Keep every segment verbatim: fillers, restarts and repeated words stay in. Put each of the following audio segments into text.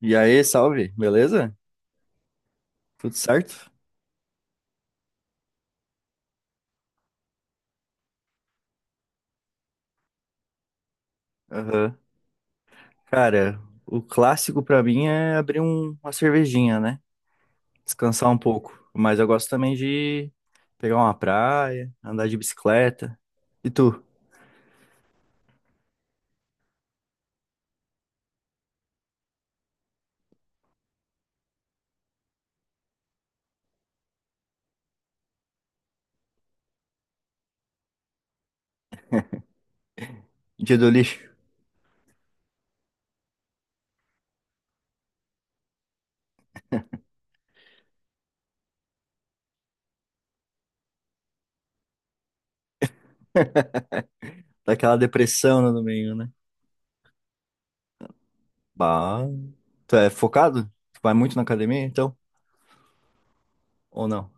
E aí, salve, beleza? Tudo certo? Aham. Cara, o clássico pra mim é abrir um- uma cervejinha, né? Descansar um pouco. Mas eu gosto também de pegar uma praia, andar de bicicleta. E tu? Dia do lixo? Daquela depressão no domingo, né? Bah. Tu é focado? Tu vai muito na academia, então? Ou não?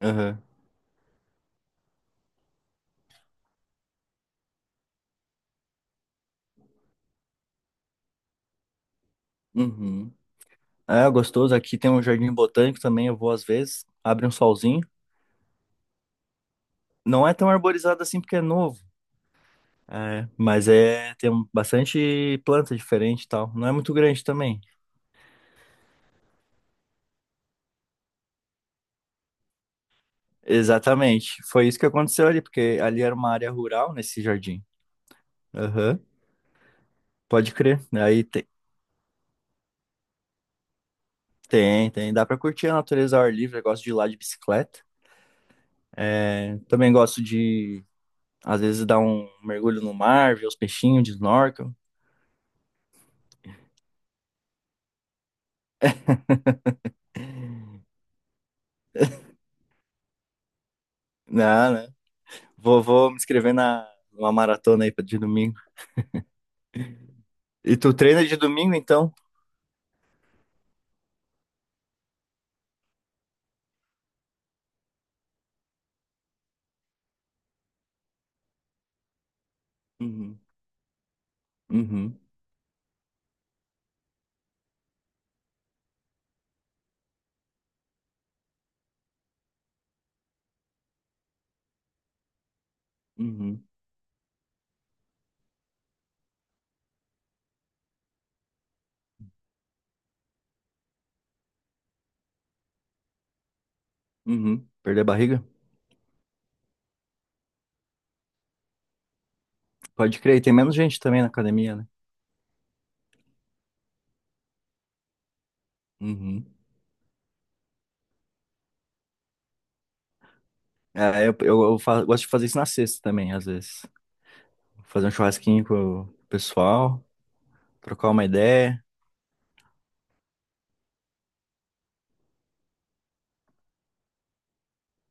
Aham. Uhum. É gostoso. Aqui tem um jardim botânico também, eu vou às vezes. Abre um solzinho. Não é tão arborizado assim porque é novo. É, mas é, tem um- bastante planta diferente e tal. Não é muito grande também. Exatamente. Foi isso que aconteceu ali, porque ali era uma área rural nesse jardim. Aham. Pode crer. Aí tem, tem, tem. Dá pra curtir a natureza ao ar livre. Eu gosto de ir lá de bicicleta. É, também gosto de, às vezes, dar um mergulho no mar, ver os peixinhos de snorkel. Não, né? Vou, vou me inscrever na, numa maratona aí pra- de domingo. E tu treina de domingo, então? Uhum, uhum, uhum, uhum. Perder a barriga? Pode crer, e tem menos gente também na academia, né? Uhum. É, eu, eu, eu fa- gosto de fazer isso na sexta também, às vezes. Fazer um churrasquinho com o pessoal, trocar uma ideia.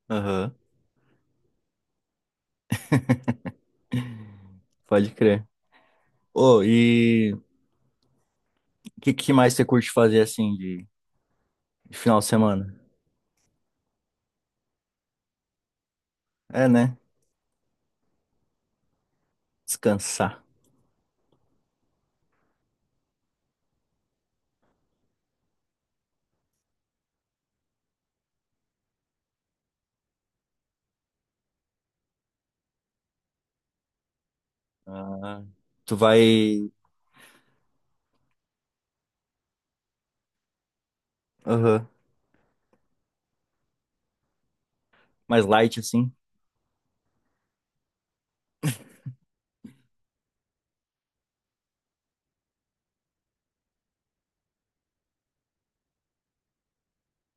Aham, pode crer. Ô, e o que, que mais você curte fazer assim de, de final de semana? É, né? Descansar. Ah, tu vai. Aham, mais light assim.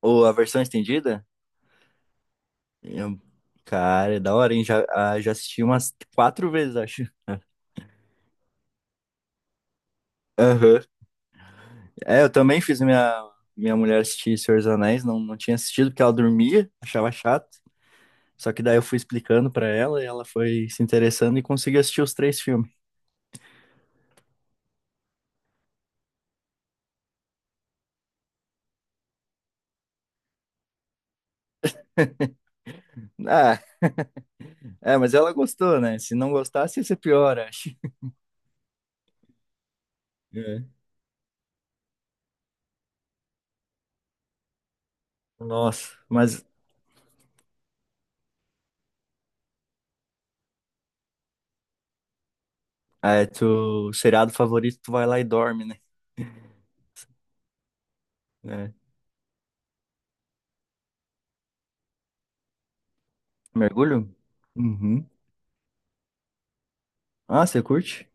Ou a versão estendida? Eu- Cara, é da hora, hein? Já, ah, já assisti umas quatro vezes, acho. Aham. É, eu também fiz minha, minha mulher assistir Senhor dos Anéis, não, não tinha assistido porque ela dormia, achava chato. Só que daí eu fui explicando pra ela e ela foi se interessando e conseguiu assistir os três filmes. Ah, é, mas ela gostou, né? Se não gostasse, ia ser pior, acho. É. Nossa, mas é, tu, seriado favorito, tu vai lá e dorme, né? É. Mergulho? Uhum. Ah, você curte?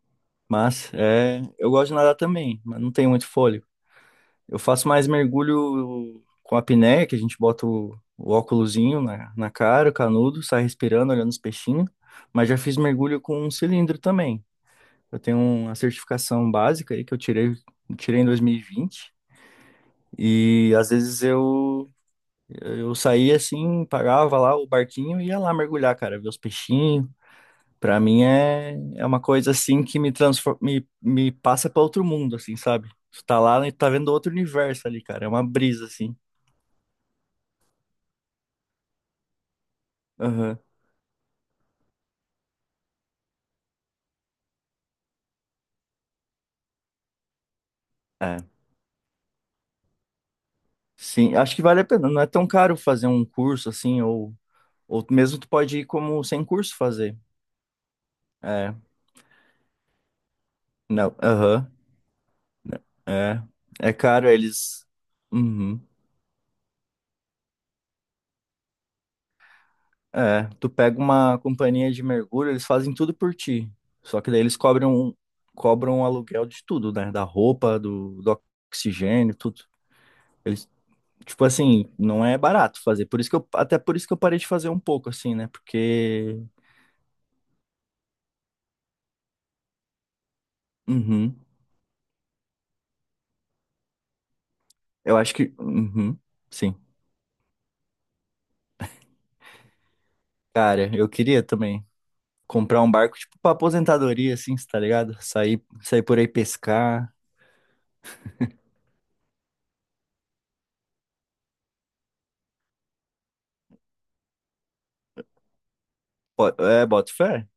Mas, é, eu gosto de nadar também, mas não tenho muito fôlego. Eu faço mais mergulho com a apneia, que a gente bota o, o óculosinho na, na cara, o canudo, sai respirando, olhando os peixinhos. Mas já fiz mergulho com um cilindro também. Eu tenho uma certificação básica aí que eu tirei, tirei em dois mil e vinte. E vinte. E às vezes eu, eu saía assim, pagava lá o barquinho e ia lá mergulhar, cara, ver os peixinhos. Pra mim é, é uma coisa assim que me transforma, me, me passa pra outro mundo, assim, sabe? Tu tá lá e tá vendo outro universo ali, cara. É uma brisa, assim. Aham. É. Sim, acho que vale a pena. Não é tão caro fazer um curso assim, ou, ou mesmo tu pode ir como sem curso fazer. É. Não. Aham. É. É caro, eles. Uhum. É. Tu pega uma companhia de mergulho, eles fazem tudo por ti. Só que daí eles cobram, cobram o aluguel de tudo, né? Da roupa, do, do oxigênio, tudo. Eles, tipo assim, não é barato fazer. Por isso que eu, até por isso que eu parei de fazer um pouco, assim, né? Porque. Uhum. Eu acho que. Uhum, sim. Cara, eu queria também comprar um barco, tipo, pra aposentadoria, assim, cê tá ligado? Sair, sair por aí pescar. Po- É, boto fé.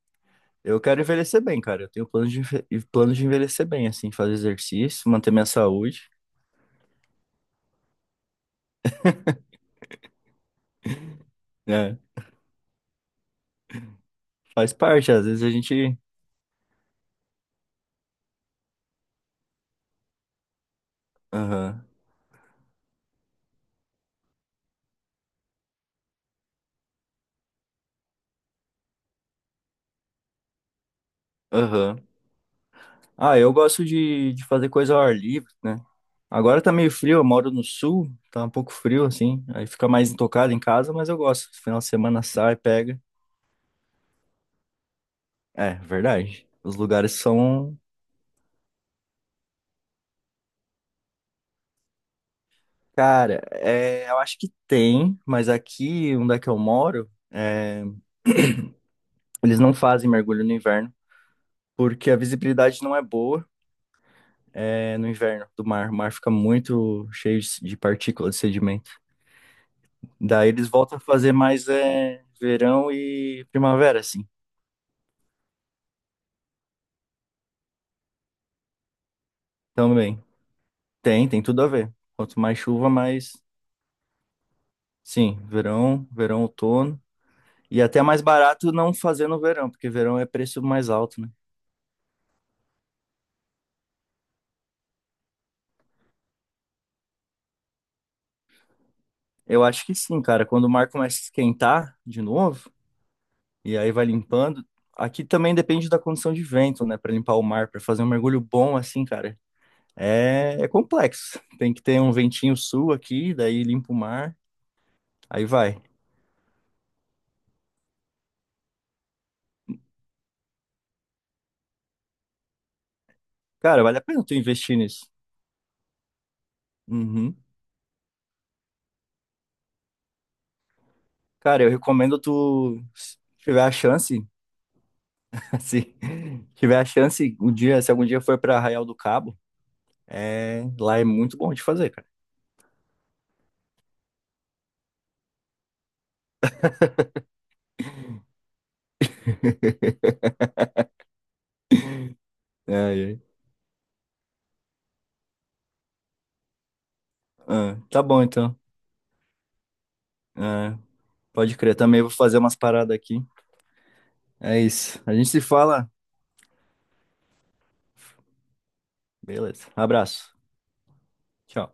Eu quero envelhecer bem, cara. Eu tenho plano de, enve- plano de envelhecer bem, assim, fazer exercício, manter minha saúde, né? Faz parte, às vezes a gente. Aham, aham. Ah, eu gosto de, de fazer coisa ao ar livre, né? Agora tá meio frio, eu moro no sul, tá um pouco frio, assim. Aí fica mais intocado em casa, mas eu gosto. Final de semana sai, pega. É, verdade. Os lugares são. Cara, é, eu acho que tem, mas aqui, onde é que eu moro, é, eles não fazem mergulho no inverno, porque a visibilidade não é boa, é, no inverno do mar. O mar fica muito cheio de de partícula, de sedimento. Daí eles voltam a fazer mais é, verão e primavera, assim. Também. Tem, tem tudo a ver. Quanto mais chuva, mais. Sim, verão, verão, outono. E até é mais barato não fazer no verão, porque verão é preço mais alto, né? Eu acho que sim, cara. Quando o mar começa a esquentar de novo, e aí vai limpando. Aqui também depende da condição de vento, né? Pra limpar o mar, pra fazer um mergulho bom assim, cara. É, é complexo. Tem que ter um ventinho sul aqui, daí limpa o mar, aí vai. Cara, vale a pena tu investir nisso. Uhum. Cara, eu recomendo tu, se tiver a chance, assim, se tiver a chance, um dia, se algum dia for pra Arraial do Cabo, é, lá é muito bom de fazer, cara. É, é. Ah, tá bom então. É, pode crer, também vou fazer umas paradas aqui. É isso. A gente se fala. Beleza. Abraço. Tchau.